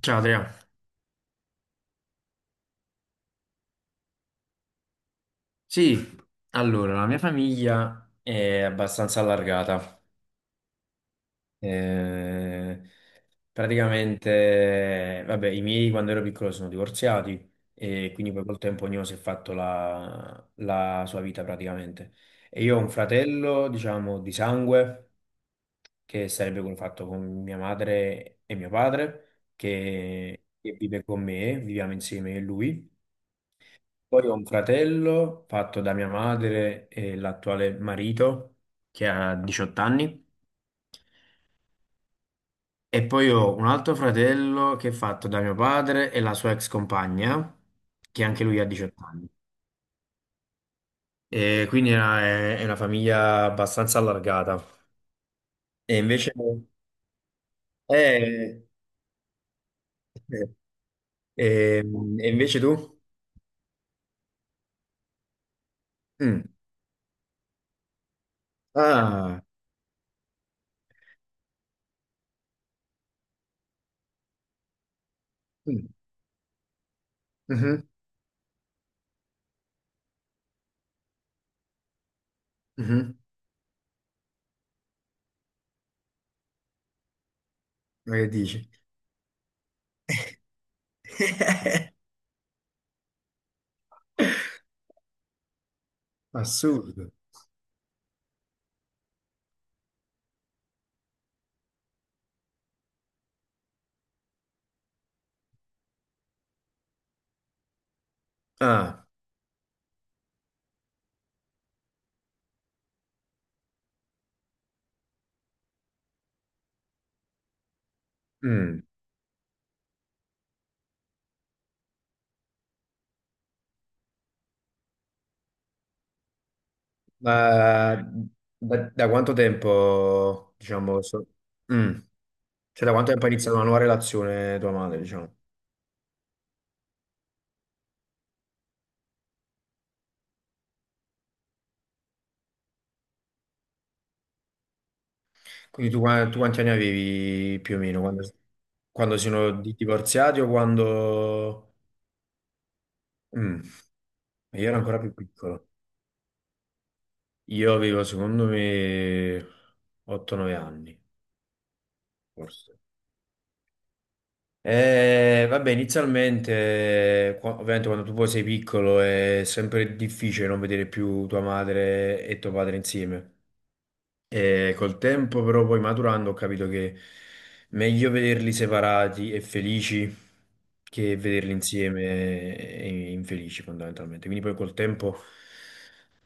Ciao Adriano. Sì, allora, la mia famiglia è abbastanza allargata. Eh, praticamente, vabbè, i miei quando ero piccolo sono divorziati e quindi poi col tempo ognuno si è fatto la sua vita praticamente. E io ho un fratello, diciamo, di sangue, che sarebbe quello fatto con mia madre e mio padre, che vive con me, viviamo insieme a lui. Poi ho un fratello fatto da mia madre e l'attuale marito che ha 18 anni. E poi ho un altro fratello che è fatto da mio padre e la sua ex compagna, che anche lui ha 18 anni. E quindi è una, è una famiglia abbastanza allargata. E invece, eh, eh, e invece tu? Mm. Ah, mm, mhm, mhm. Ma che dici? Assurdo. Ah. Mm, ma da quanto tempo, diciamo, Mm, cioè da quanto tempo è iniziata una nuova relazione tua madre, diciamo? Quindi tu, tu quanti anni avevi più o meno quando, quando sono divorziati o quando... Mm, io ero ancora più piccolo. Io avevo, secondo me, 8-9 anni, forse. Vabbè, inizialmente, ovviamente quando tu poi sei piccolo è sempre difficile non vedere più tua madre e tuo padre insieme. E col tempo, però, poi maturando, ho capito che meglio vederli separati e felici che vederli insieme e infelici, fondamentalmente. Quindi, poi col tempo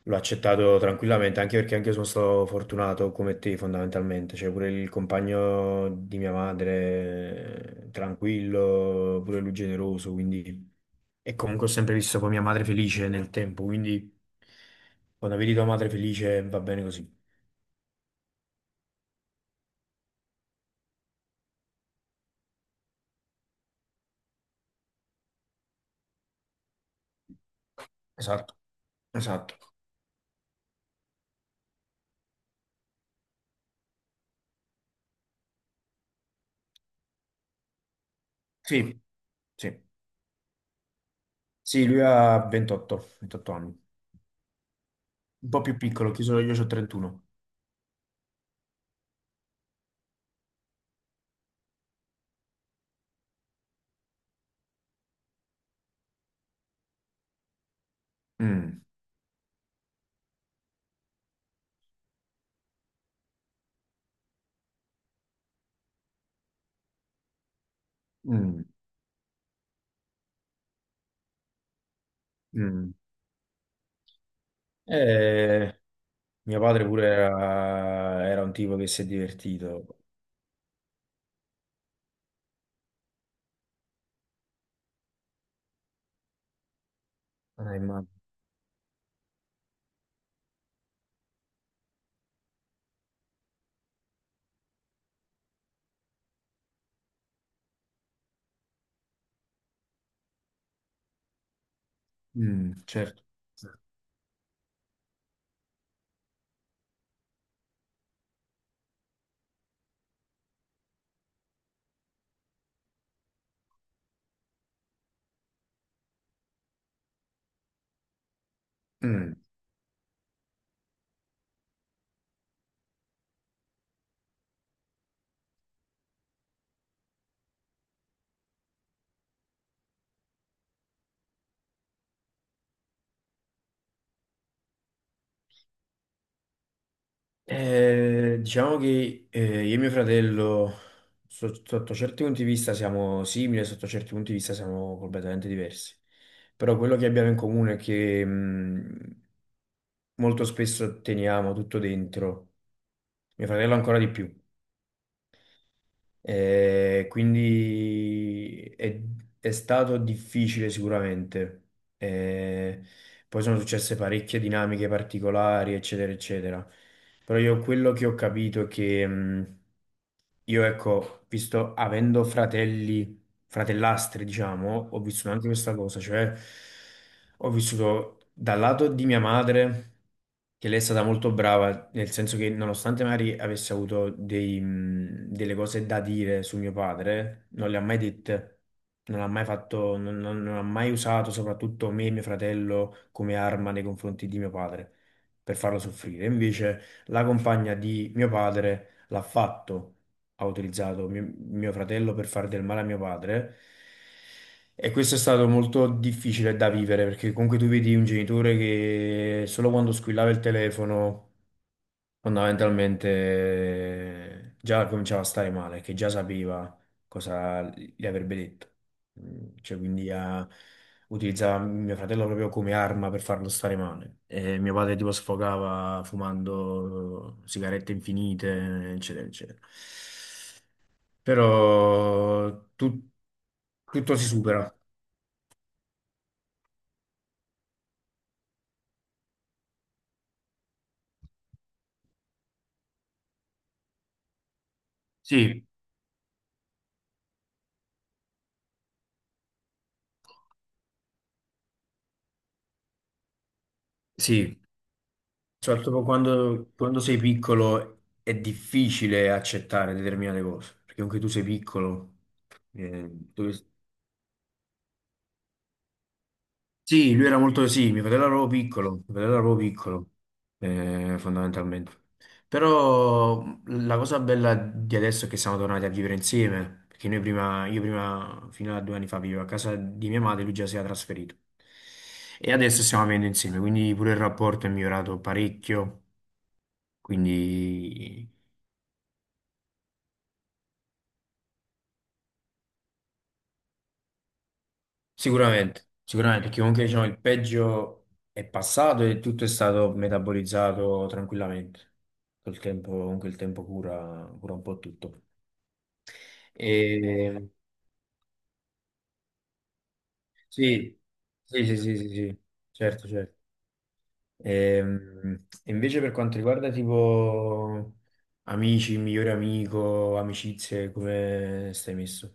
l'ho accettato tranquillamente, anche perché anche io sono stato fortunato come te, fondamentalmente. Cioè, pure il compagno di mia madre, tranquillo, pure lui generoso, quindi. E comunque ho sempre visto poi mia madre felice nel tempo, quindi quando vedi tua madre felice va bene così. Esatto. Esatto. Sì, sì. Sì, lui ha 28 anni. Un po' più piccolo, chi sono io, ho 31. Mm, mm, mm. Eh, Mio padre pure era un tipo che si è divertito. Ma- Mm, certo. Mm. Diciamo che io e mio fratello, sotto certi punti di vista siamo simili, sotto certi punti di vista siamo completamente diversi. Però quello che abbiamo in comune è che... mm, molto spesso teniamo tutto dentro, mio fratello ancora di più. Eh, quindi è, è stato difficile sicuramente. Eh, Poi sono successe parecchie dinamiche particolari, eccetera, eccetera. Però io quello che ho capito è che io, ecco, visto avendo fratelli fratellastri, diciamo, ho vissuto anche questa cosa, cioè ho vissuto dal lato di mia madre, che lei è stata molto brava, nel senso che nonostante magari avesse avuto dei, delle cose da dire su mio padre, non le ha mai dette, non ha mai fatto, non ha mai usato soprattutto me e mio fratello come arma nei confronti di mio padre per farlo soffrire. Invece la compagna di mio padre l'ha fatto ha utilizzato mio fratello per fare del male a mio padre. E questo è stato molto difficile da vivere perché comunque tu vedi un genitore che solo quando squillava il telefono fondamentalmente già cominciava a stare male, che già sapeva cosa gli avrebbe detto. Mm, cioè, quindi utilizzava mio fratello proprio come arma per farlo stare male. E mio padre tipo sfogava fumando sigarette infinite, eccetera, eccetera però tutto si supera. Sì, sì, soprattutto quando sei piccolo è difficile accettare determinate cose, perché anche tu sei piccolo, eh, dove- Sì, lui era molto, sì, mio fratello era proprio piccolo, fondamentalmente. Però la cosa bella di adesso è che siamo tornati a vivere insieme, perché noi prima, io prima, fino a due anni fa, vivevo a casa di mia madre, lui già si era trasferito. E adesso stiamo vivendo insieme, quindi pure il rapporto è migliorato parecchio, quindi sicuramente, sicuramente, perché comunque diciamo, il peggio è passato e tutto è stato metabolizzato tranquillamente. Col tempo, comunque il tempo cura, cura un po' tutto. E, sì, sì, sì, sì, sì, sì, certo, certo. E invece per quanto riguarda tipo amici, migliore amico, amicizie, come stai messo?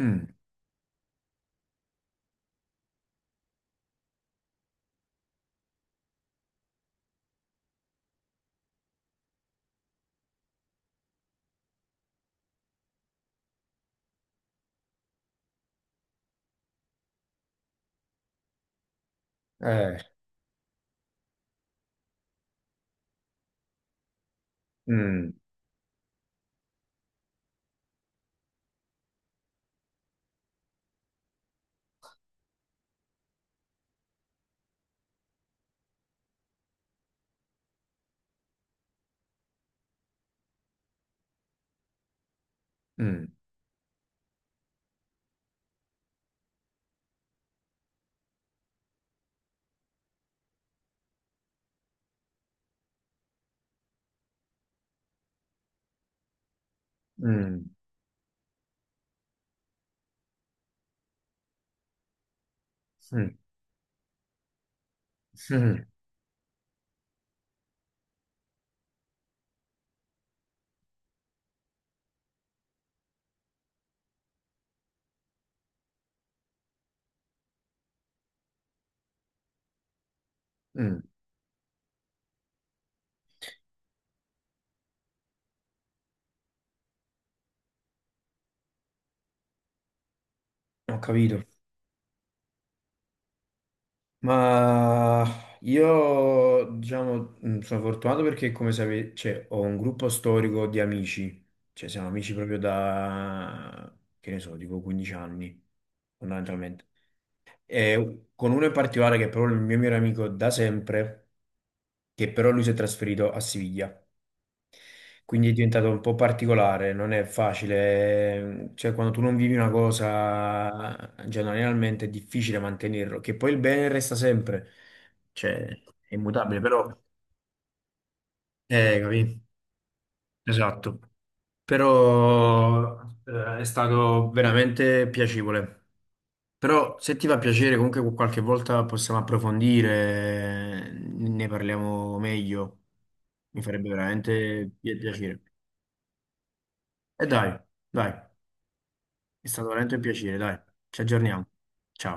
Mm, eh, mm, mm, mm, mm, mm, mm. mm. Ho capito. Ma io, diciamo, sono fortunato perché, come sapete, cioè, ho un gruppo storico di amici, cioè siamo amici proprio da, che ne so, tipo 15 anni, fondamentalmente. E con uno in particolare che è proprio il mio migliore amico da sempre, che però lui si è trasferito a Siviglia. Quindi è diventato un po' particolare, non è facile, cioè quando tu non vivi una cosa, generalmente è difficile mantenerlo, che poi il bene resta sempre, cioè è immutabile, però, capì? Esatto, però è stato veramente piacevole. Però se ti fa piacere, comunque qualche volta possiamo approfondire, ne parliamo meglio, mi farebbe veramente piacere. E dai, dai. È stato veramente un piacere, dai. Ci aggiorniamo. Ciao.